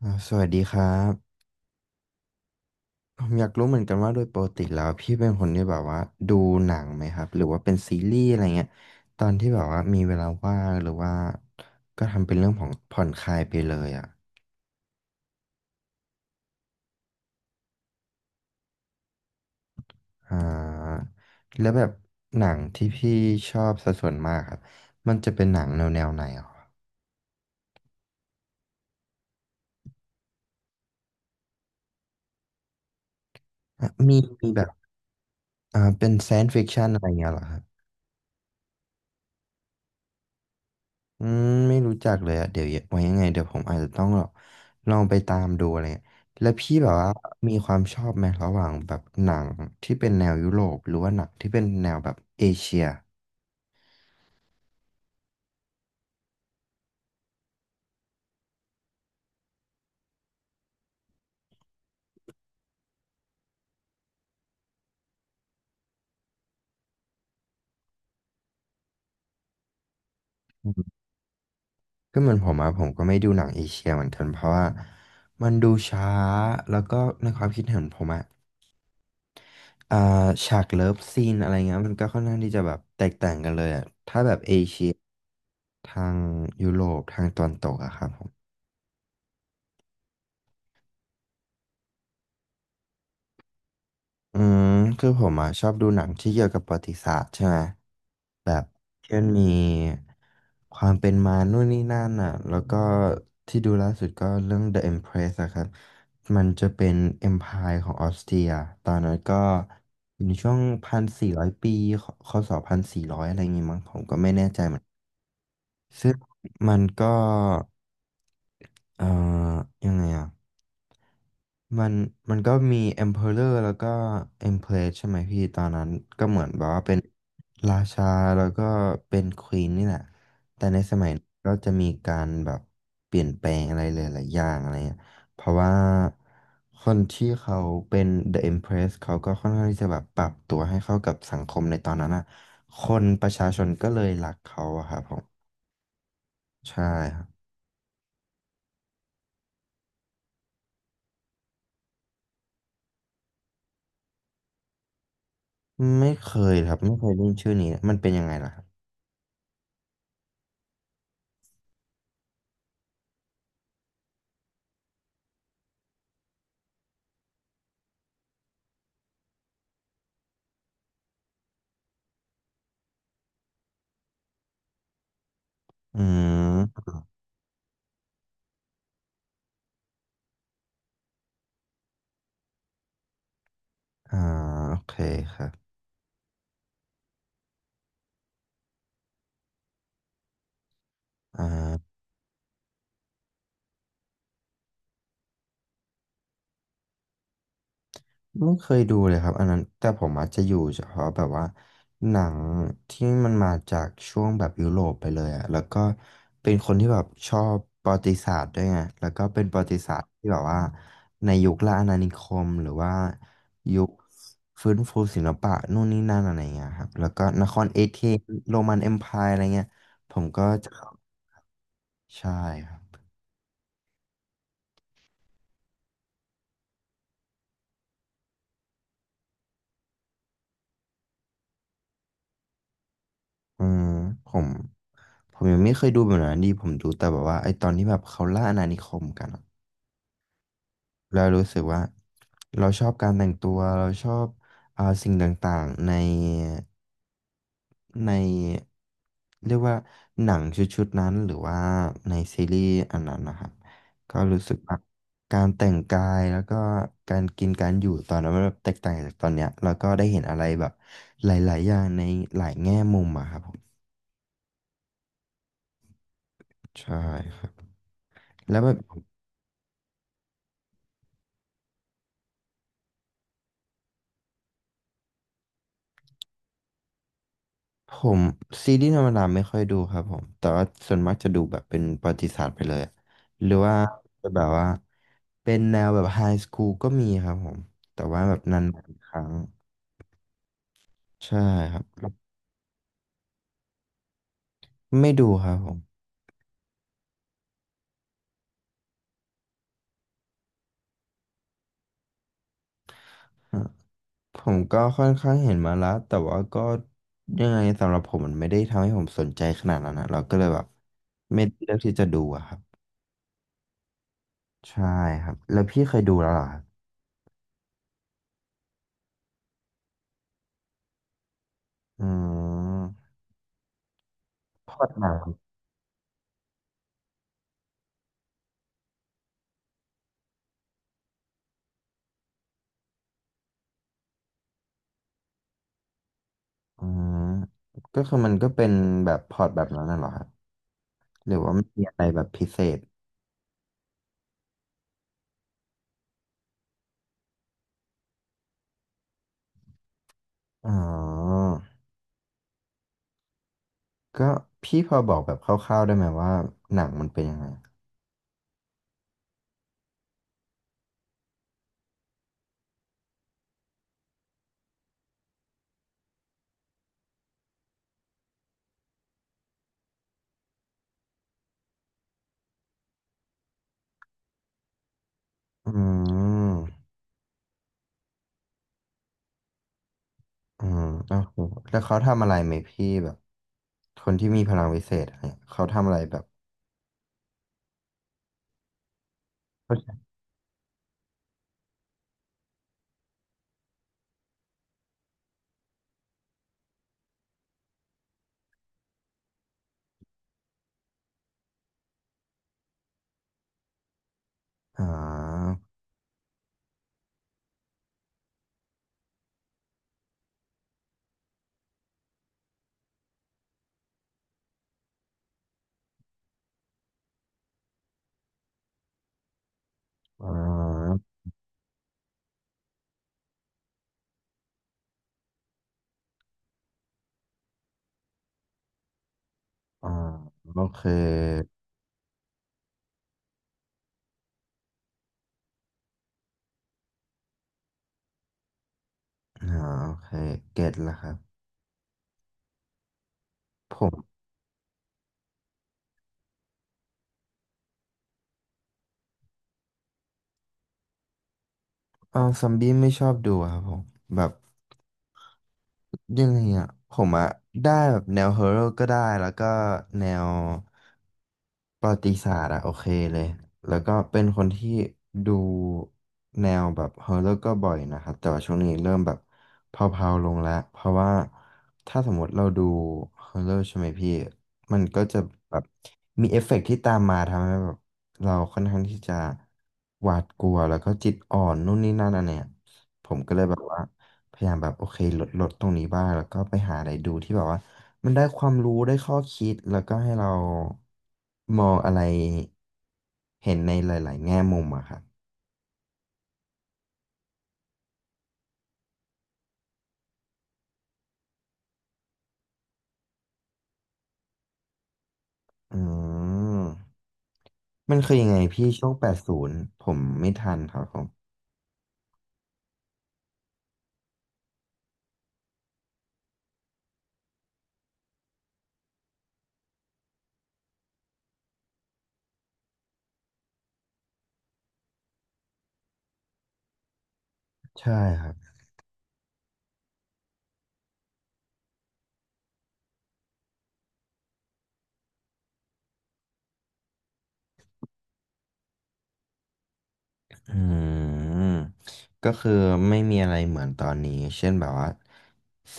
สวัสดีครับผมอยากรู้เหมือนกันว่าโดยปกติแล้วพี่เป็นคนที่แบบว่าดูหนังไหมครับหรือว่าเป็นซีรีส์อะไรเงี้ยตอนที่แบบว่ามีเวลาว่างหรือว่าก็ทำเป็นเรื่องของผ่อนคลายไปเลยอ่ะอ่าแล้วแบบหนังที่พี่ชอบสัดส่วนมากครับมันจะเป็นหนังแนวแนวไหนอ่ะอ่ะมีมีแบบเป็นไซน์ฟิคชันอะไรเงี้ยเหรอครับ อืมไม่รู้จักเลยอะเดี๋ยวไว้ยังไงเดี๋ยวผมอาจจะต้องแบบลองไปตามดูอะไรเงี้ยแล้วพี่แบบว่ามีความชอบไหมระหว่างแบบหนังที่เป็นแนวยุโรปหรือว่าหนังที่เป็นแนวแบบเอเชียอืมก็เหมือนผมอะผมก็ไม่ดูหนังเอเชียเหมือนกันเพราะว่ามันดูช้าแล้วก็ในความคิดเห็นผมอะอ่าฉากเลิฟซีนอะไรเงี้ยมันก็ค่อนข้างที่จะแบบแตกต่างกันเลยอะถ้าแบบเอเชียทางยุโรปทางตะวันตกอะครับ อืมคือผมอ่ะชอบดูหนังที่เกี่ยวกับประวัติศาสตร์ใช่ไหมแบบเช่นมีความเป็นมานู่นนี่นั่นอ่ะแล้วก็ที่ดูล่าสุดก็เรื่อง The Empress อะครับมันจะเป็น Empire ของออสเตรียตอนนั้นก็อยู่ในช่วง1,400 ปีค.ศ. 1400อะไรอย่างงี้มั้งผมก็ไม่แน่ใจเหมือนกันซึ่งมันก็เอ่อยังไงอ่ะ มันมันก็มี Emperor แล้วก็ Empress ใช่ไหมพี่ตอนนั้นก็เหมือนแบบว่าเป็นราชาแล้วก็เป็น Queen นี่แหละแต่ในสมัยนั้นก็จะมีการแบบเปลี่ยนแปลงอะไรหลายๆอย่างอะไรเงี้ยเพราะว่าคนที่เขาเป็น The Empress เขาก็ค่อนข้างที่จะแบบปรับตัวให้เข้ากับสังคมในตอนนั้นอ่ะคนประชาชนก็เลยรักเขาอะครับผมใช่ครับไม่เคยครับไม่เคยได้ยินชื่อนี้มันเป็นยังไงล่ะครับอืม อ่าโอเคครับอ่าไม่เคยดูเลยครับอันนั้นแต่ผมอาจจะอยู่เฉพาะแบบว่าหนังที่มันมาจากช่วงแบบยุโรปไปเลยอะแล้วก็เป็นคนที่แบบชอบประวัติศาสตร์ด้วยไงแล้วก็เป็นประวัติศาสตร์ที่แบบว่าในยุคล่าอาณานิคมหรือว่ายุคฟื้นฟูศิลปะนู่นนี่นั่นอะไรเงี้ยครับแล้วก็นครเอเธนส์โรมันเอ็มไพร์อะไรเงี้ยผมก็จะเข้าใช่ครับอืมผม ผมยังไม่เคยดูแบบนั้นดีผมดูแต่แบบว่าไอตอนที่แบบเขาล่าอาณานิคมกันอะเรารู้สึกว่าเราชอบการแต่งตัวเราชอบสิ่งต่างๆในเรียกว่าหนังชุดๆนั้นหรือว่าในซีรีส์อันนั้นนะครับก็รู้สึกว่าการแต่งกายแล้วก็การกินการอยู่ตอนนั้นมันแบบแตกต่างจากตอนเนี้ยแล้วก็ได้เห็นอะไรแบบหลายๆอย่างในหลายแง่มุมอะครับผมใช่ครับแล้วแบบ ผมซีรีส์ธรรมดาไม่ค่อยดูครับผมแต่ว่าส่วนมากจะดูแบบเป็นประวัติศาสตร์ไปเลยอะหรือว่าจะแบบว่าเป็นแนวแบบไฮสคูลก็มีครับผมแต่ว่าแบบนานๆครั้งใช่ครับไม่ดูครับผมฮะผมก็ค่อนข้างเห็นมาแล้วแต่ว่าก็ยังไงสำหรับผมมันไม่ได้ทำให้ผมสนใจขนาดนั้นนะเราก็เลยแบบไม่ได้เลือกที่จะดูอะครับใช่ครับแล้วพี่เคยดูแล้วเหรอครับอืมพล็อตหนัง อ่าก็คือมันก็เป็นแบบพอร์ตแบบนั้นน่ะเหรอครับหรือว่ามันมีอะไรแบบพิเศษอ๋อก็พี่พอบอกแบบคร่าวๆได้ไหมว่าหนังมันเป็นยังไงอืมอืมโอเคแล้วเขาทำอะไรไหมพี่แบบคนที่มีพลังวิเศษอะไรเนี่ยเขาทำอะไรแบบอ่าอ่าอ่าโอเคอ่าโอเคเก็ตแล้วครับผมเออซอมบี้ไม่ชอบดูครับผมแบบ ยังไงอ่ะผมอ่ะได้แบบแนวฮอร์เรก็ได้แล้วก็แนวประวัติศาสตร์อ่ะโอเคเลยแล้วก็เป็นคนที่ดูแนวแบบฮอร์เรก็บ่อยนะครับแต่ว่าช่วงนี้เริ่มแบบเพลาๆลงแล้วเพราะว่าถ้าสมมติเราดูฮอร์เรใช่ไหมพี่มันก็จะแบบมีเอฟเฟกต์ที่ตามมาทำให้แบบเราค่อนข้างที่จะหวาดกลัวแล้วก็จิตอ่อนนู่นนี่นั่นอันเนี้ยผมก็เลยแบบว่า พยายามแบบโอเคลดลดตรงนี้บ้างแล้วก็ไปหาอะไรดูที่แบบว่ามันได้ความรู้ได้ข้อคิดแล้วก็ให้เรามองอะไรเห็นในหลายๆแง่มุมอะครับอืมมันคือยังไงพี่ช่วง80ผมไม่ทันครับผมใช่ครับอืมก็คือไม่มีอะไรเหมือนตอนนี้เช่นแบบว่า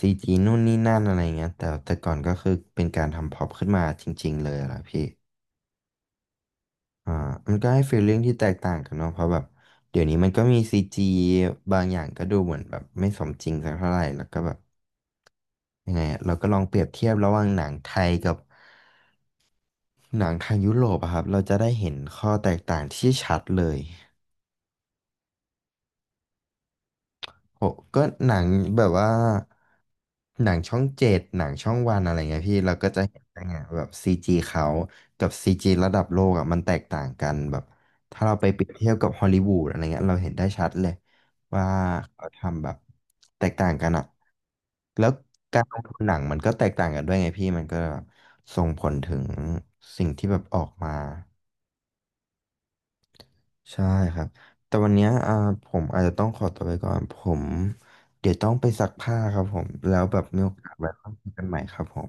ซีจีนู่นนี่นั่นอะไรเงี้ยแต่ก่อนก็คือเป็นการทำพ็อปขึ้นมาจริงๆเลยอะล่ะพี่ อ่ามันก็ให้ฟีลลิ่งที่แตกต่างกันเนาะเพราะแบบเดี๋ยวนี้มันก็มีซีจีบางอย่างก็ดูเหมือนแบบไม่สมจริงสักเท่าไหร่แล้วก็แบบยังไงอะเราก็ลองเปรียบเทียบระหว่างหนังไทยกับหนังทางยุโรปอะครับเราจะได้เห็นข้อแตกต่างที่ชัดเลย โหก็หนังแบบว่าหนังช่อง 7หนังช่องวันอะไรเงี้ยพี่เราก็จะเห็นได้ไงแบบซีจีเขากับซีจีระดับโลกอ่ะมันแตกต่างกันแบบถ้าเราไปเปรียบเทียบกับฮอลลีวูดอะไรเงี้ยเราเห็นได้ชัดเลยว่าเขาทำแบบแตกต่างกันอ่ะแล้วการลงทุนหนังมันก็แตกต่างกันด้วยไงพี่มันก็ส่งผลถึงสิ่งที่แบบออกมา ใช่ครับแต่วันเนี้ยผมอาจจะต้องขอตัวไปก่อนผมเดี๋ยวต้องไปซักผ้าครับผมแล้วแบบมีโอกาสไว้คุยกันใหม่ครับผม